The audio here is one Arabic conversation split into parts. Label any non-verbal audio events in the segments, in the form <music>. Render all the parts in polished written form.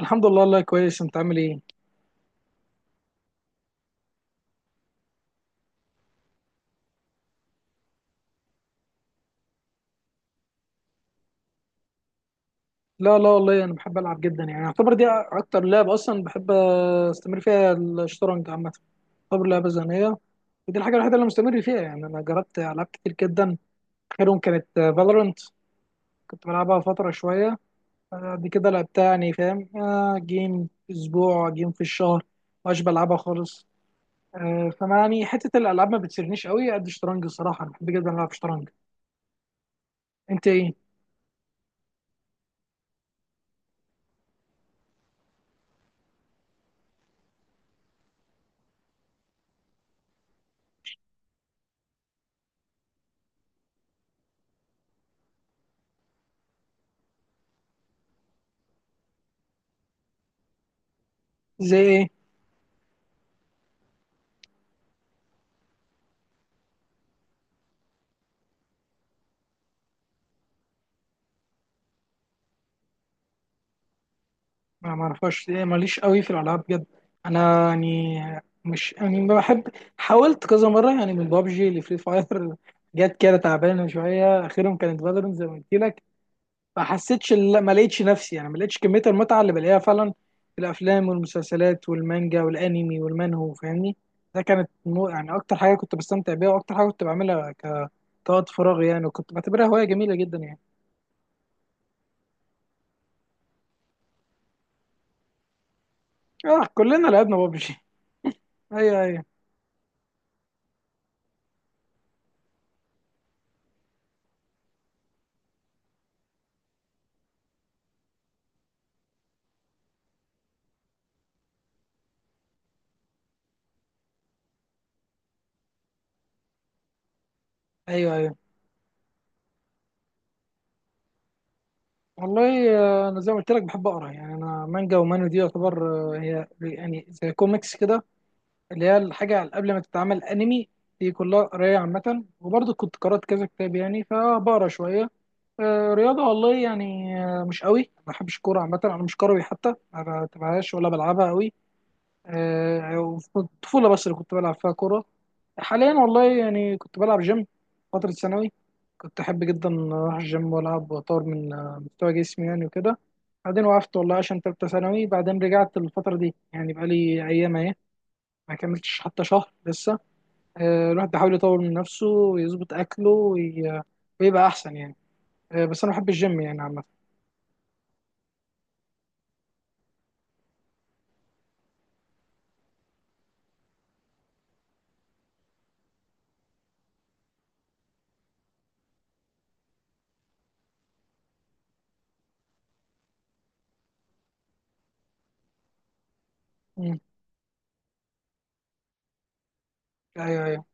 الحمد لله، والله كويس. انت عامل ايه؟ لا، لا، والله انا بحب العب جدا، يعني اعتبر دي اكتر لعبه اصلا بحب استمر فيها، الشطرنج عامه. اعتبر لعبه ذهنيه، ودي الحاجه الوحيده اللي مستمر فيها، يعني انا جربت العاب كتير جدا، اخرهم كانت فالورنت. كنت بلعبها فتره شويه، بعد كده لعبتها يعني فاهم، جيم في اسبوع، جيم في الشهر. مش بلعبها خالص. فما يعني حته الالعاب ما بتسرنيش قوي قد الشطرنج، الصراحه انا بحب جدا العب شطرنج. انت ايه؟ زي ايه؟ انا ما اعرفهاش إيه، ماليش قوي في الالعاب بجد. انا يعني مش يعني ما بحب، حاولت كذا مره يعني من بابجي لفري فاير <laughs> جت كده تعبانه شويه، اخرهم كانت فالورنت زي ما قلت لك. ما حسيتش، لا، ما لقيتش نفسي، يعني ما لقيتش كميه المتعه اللي بلاقيها فعلا في الافلام والمسلسلات والمانجا والانمي والمانهو، فاهمني. ده كانت يعني اكتر حاجه كنت بستمتع بيها، واكتر حاجه كنت بعملها كوقت فراغي يعني، وكنت بعتبرها هوايه جميله جدا يعني. اه، كلنا لعبنا بابجي. ايوه، ايوه، ايوه، ايوه. والله انا زي ما قلت لك بحب اقرا، يعني انا مانجا ومانو دي يعتبر، هي يعني زي كوميكس كده، اللي هي الحاجه قبل ما تتعمل انمي. دي كلها قرايه عامه، وبرضه كنت قرات كذا كتاب يعني فبقرا شويه. رياضه والله يعني، مش قوي، ما بحبش كوره عامه، انا مش كروي، حتى ما بتابعهاش ولا بلعبها قوي. وفي الطفولة بس اللي كنت بلعب فيها كورة. حاليا والله يعني، كنت بلعب جيم فترة ثانوي. كنت أحب جدا أروح الجيم وألعب وأطور من مستوى جسمي يعني وكده. بعدين وقفت والله عشان تالتة ثانوي، بعدين رجعت الفترة دي يعني، بقالي أيام أهي، ما كملتش حتى شهر لسه. الواحد بيحاول يطور من نفسه ويظبط أكله ويبقى أحسن يعني. بس أنا بحب الجيم يعني عامة. مم. أيوه، أيوه.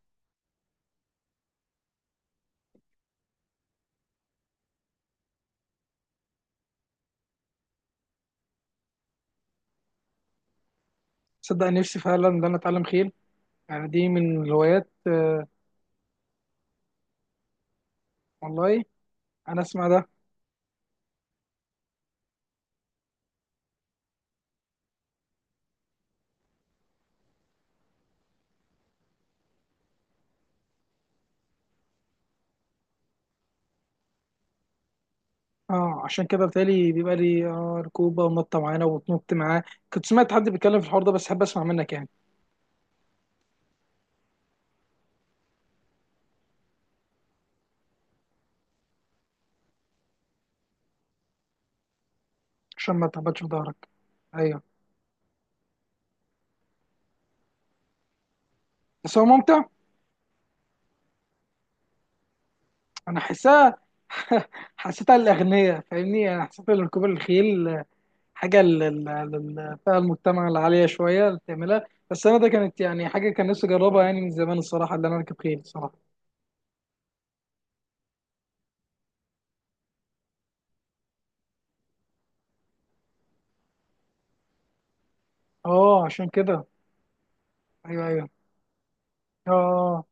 صدق نفسي فعلا إن أنا أتعلم خيل، يعني دي من الهوايات. والله انا اسمع ده. اه، عشان كده بتهيألي بيبقى لي ركوبه ونطه معانا وتنط معاه. كنت سمعت حد بيتكلم في الحوار ده بس حابب اسمع منك يعني. عشان ما تهبطش في ظهرك. ايوه، بس هو ممتع. انا حاساه. <laughs> حسيتها للاغنياء فاهمني، انا حسيت ان ركوب الخيل حاجه للفئه المجتمع العاليه شويه اللي بتعملها. بس انا ده كانت يعني حاجه كان نفسي اجربها يعني من زمان، الصراحه اللي انا اركب خيل الصراحه. اه، عشان كده. ايوه، ايوه. اه، آه.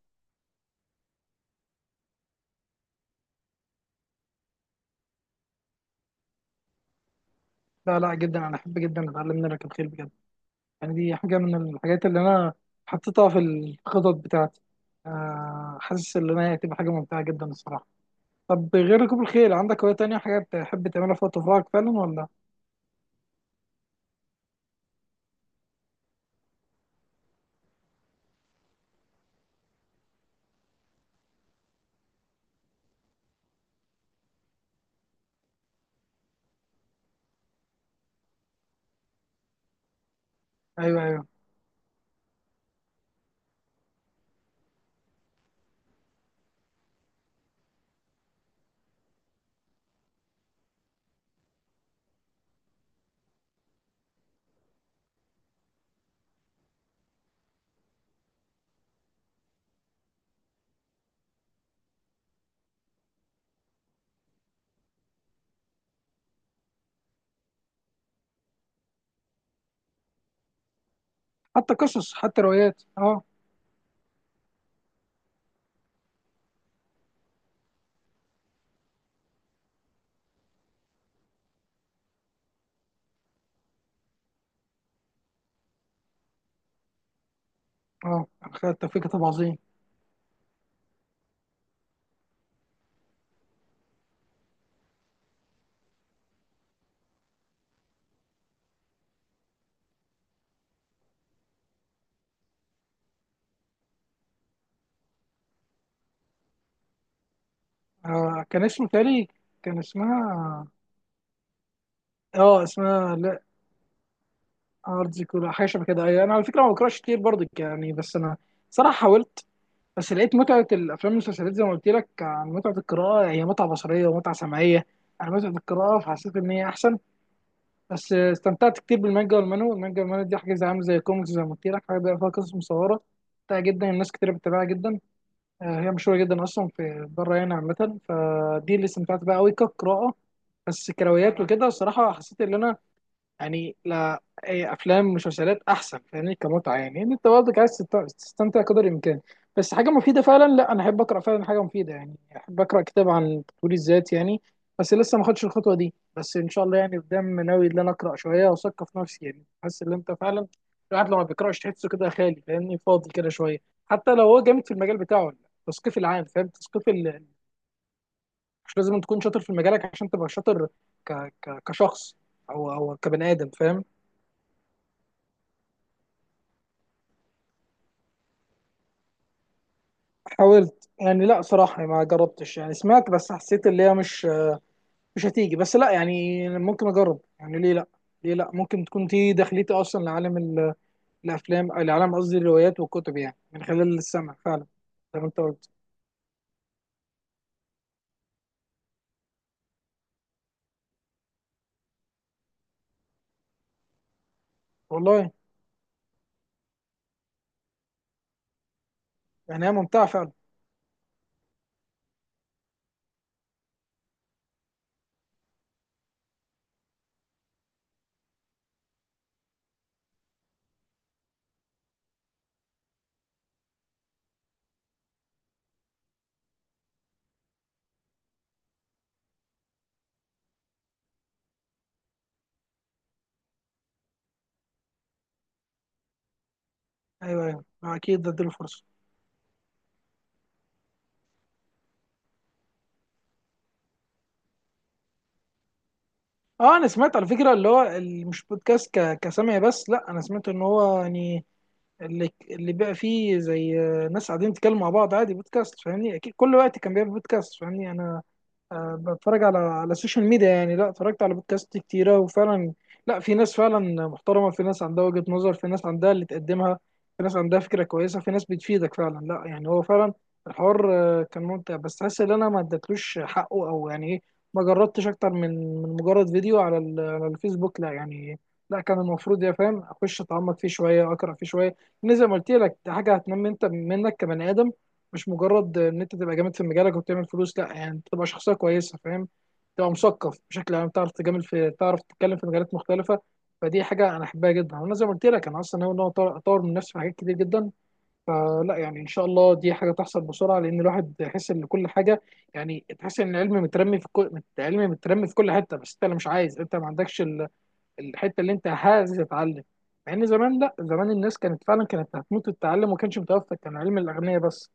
لا، لا، جدا انا احب جدا اتعلم ان أنا اركب خيل بجد، يعني دي حاجة من الحاجات اللي أنا حطيتها في الخطط بتاعتي. حاسس إن أنا هتبقى حاجة ممتعة جدا الصراحة. طب غير ركوب الخيل، عندك هواية تانية حاجة بتحب تعملها في وقت فراغك فعلا ولا؟ أيوه، أيوه. حتى قصص، حتى روايات، أه. أه، أخي التوفيق كتاب عظيم. كان اسمه تالي. كان اسمها، أه اسمها لا، أرض كلها حاجة شبه كده. أيوه، أنا على فكرة ما بقراش كتير برضك يعني، بس أنا صراحة حاولت، بس لقيت متعة الأفلام والمسلسلات زي ما قلت لك عن متعة القراءة، هي متعة بصرية ومتعة سمعية عن متعة القراءة، فحسيت إن هي أحسن. بس استمتعت كتير بالمانجا والمانو، المانجا والمانو دي حاجة زي عاملة زي كوميكس زي ما قلت لك، حاجة بيبقى فيها قصص مصورة ممتعة جدا، الناس كتير بتتابعها جدا. هي مشهورة جدا أصلا في بره يعني عامة. فدي اللي استمتعت بيها أوي كقراءة. بس كرويات وكده الصراحة حسيت إن أنا يعني، لا إيه، افلام ومسلسلات احسن فاهمني كمتعه، يعني ان انت برضك عايز تستمتع قدر الامكان، بس حاجه مفيده فعلا. لا، انا احب اقرا فعلا حاجه مفيده يعني، احب اقرا كتاب عن تطوير الذات يعني، بس لسه ما خدتش الخطوه دي. بس ان شاء الله يعني قدام ناوي ان انا اقرا شويه واثقف نفسي، يعني حاسس ان انت فعلا، الواحد لما بيقراش تحسه كده خالي فاهمني، فاضي كده شويه، حتى لو هو جامد في المجال بتاعه ولا لا. التثقيف العام، فاهم، تثقيف مش لازم تكون شاطر في مجالك عشان تبقى شاطر، ك... كشخص، او كبني ادم، فاهم. حاولت يعني، لا صراحة ما جربتش، يعني سمعت بس حسيت اللي هي مش هتيجي، بس لا يعني ممكن اجرب، يعني ليه لا، ليه لا، ممكن تكون دي دخلتي اصلا لعالم الافلام، لعالم قصدي الروايات والكتب، يعني من خلال السمع فعلا زي ما انت قلت. والله يعني هي ممتعة فعلا. ايوه، ايوه، اكيد ده اديله فرصة. اه، انا سمعت على فكرة اللي هو مش بودكاست كسامع، بس لا انا سمعت ان هو يعني اللي بقى فيه زي ناس قاعدين يتكلموا مع بعض عادي بودكاست فاهمني، اكيد كل وقت كان بيعمل بودكاست فاهمني. انا بتفرج على السوشيال ميديا يعني، لا اتفرجت على بودكاست كتيرة وفعلا، لا، في ناس فعلا محترمة، في ناس عندها وجهة نظر، في ناس عندها اللي تقدمها، في ناس عندها فكرة كويسة، في ناس بتفيدك فعلا، لا يعني هو فعلا، الحوار كان ممتع. بس حاسس ان انا ما اديتلوش حقه، او يعني ايه، ما جربتش اكتر من مجرد فيديو على على الفيسبوك، لا يعني، لا كان المفروض يا فاهم اخش اتعمق فيه شوية، اقرا فيه شوية، إن زي ما قلت لك ده حاجة هتنمي انت منك كبني ادم، مش مجرد ان انت تبقى جامد في مجالك وبتعمل فلوس، لا يعني انت تبقى شخصيه كويسه، فاهم، تبقى مثقف بشكل عام، تعرف تجامل في، تعرف تتكلم في مجالات مختلفه. فدي حاجه انا احبها جدا، وانا زي ما قلت لك انا اصلا ناوي ان انا أطور من نفسي في حاجات كتير جدا. فلا يعني ان شاء الله دي حاجه تحصل بسرعه، لان الواحد يحس ان كل حاجه، يعني تحس ان العلم مترمي في كل حته، بس انت اللي مش عايز، انت ما عندكش الحته اللي انت عايز تتعلم. مع ان زمان، لا زمان الناس كانت فعلا كانت هتموت التعلم، وما كانش متوفر، كان علم الاغنياء بس.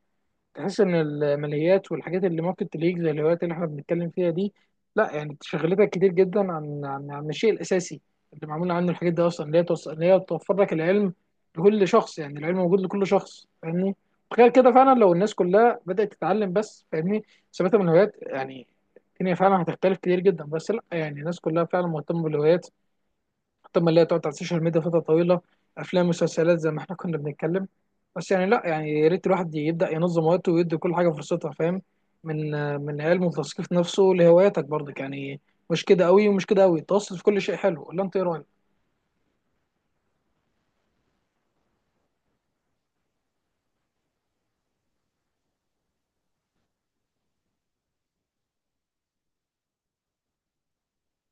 تحس ان الماليات والحاجات اللي ممكن تليك زي الهوايات اللي احنا بنتكلم فيها دي، لا يعني شغلتك كتير جدا عن الشيء الاساسي، اللي معمول عنه الحاجات دي اصلا، اللي هي توصل، اللي هي توفر لك العلم لكل شخص، يعني العلم موجود لكل شخص فاهمني. تخيل كده فعلا لو الناس كلها بدأت تتعلم، بس فاهمني ثباتها من الهوايات يعني، الدنيا فعلا هتختلف كتير جدا. بس لا يعني الناس كلها فعلا مهتمة بالهوايات اكتر ما اللي هي تقعد على السوشيال ميديا فتره طويله، افلام ومسلسلات زي ما احنا كنا بنتكلم. بس يعني، لا يعني يا ريت الواحد يبدا ينظم وقته ويدي كل حاجه فرصتها، فاهم، من من علم وتثقيف نفسه لهواياتك برضك يعني. مش كده قوي، ومش كده قوي، تواصل في كل شيء حلو، ولا انت ايه رايك؟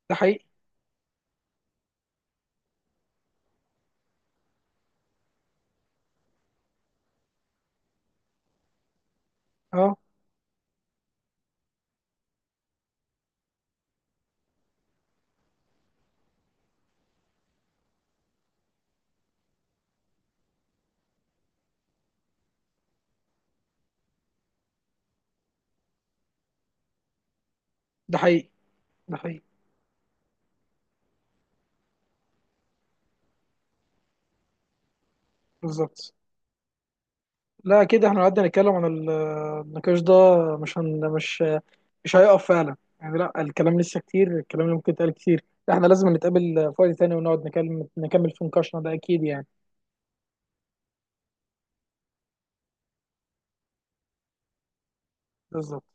ده حقيقي. اه. ده حقيقي. ده حقيقي. بالظبط. لا كده احنا قعدنا نتكلم عن النقاش ده، مش هن مش مش هيقف فعلا يعني، لا الكلام لسه كتير، الكلام اللي ممكن يتقال كتير. احنا لازم نتقابل في وقت تاني ونقعد نكمل في نقاشنا ده اكيد يعني. بالظبط.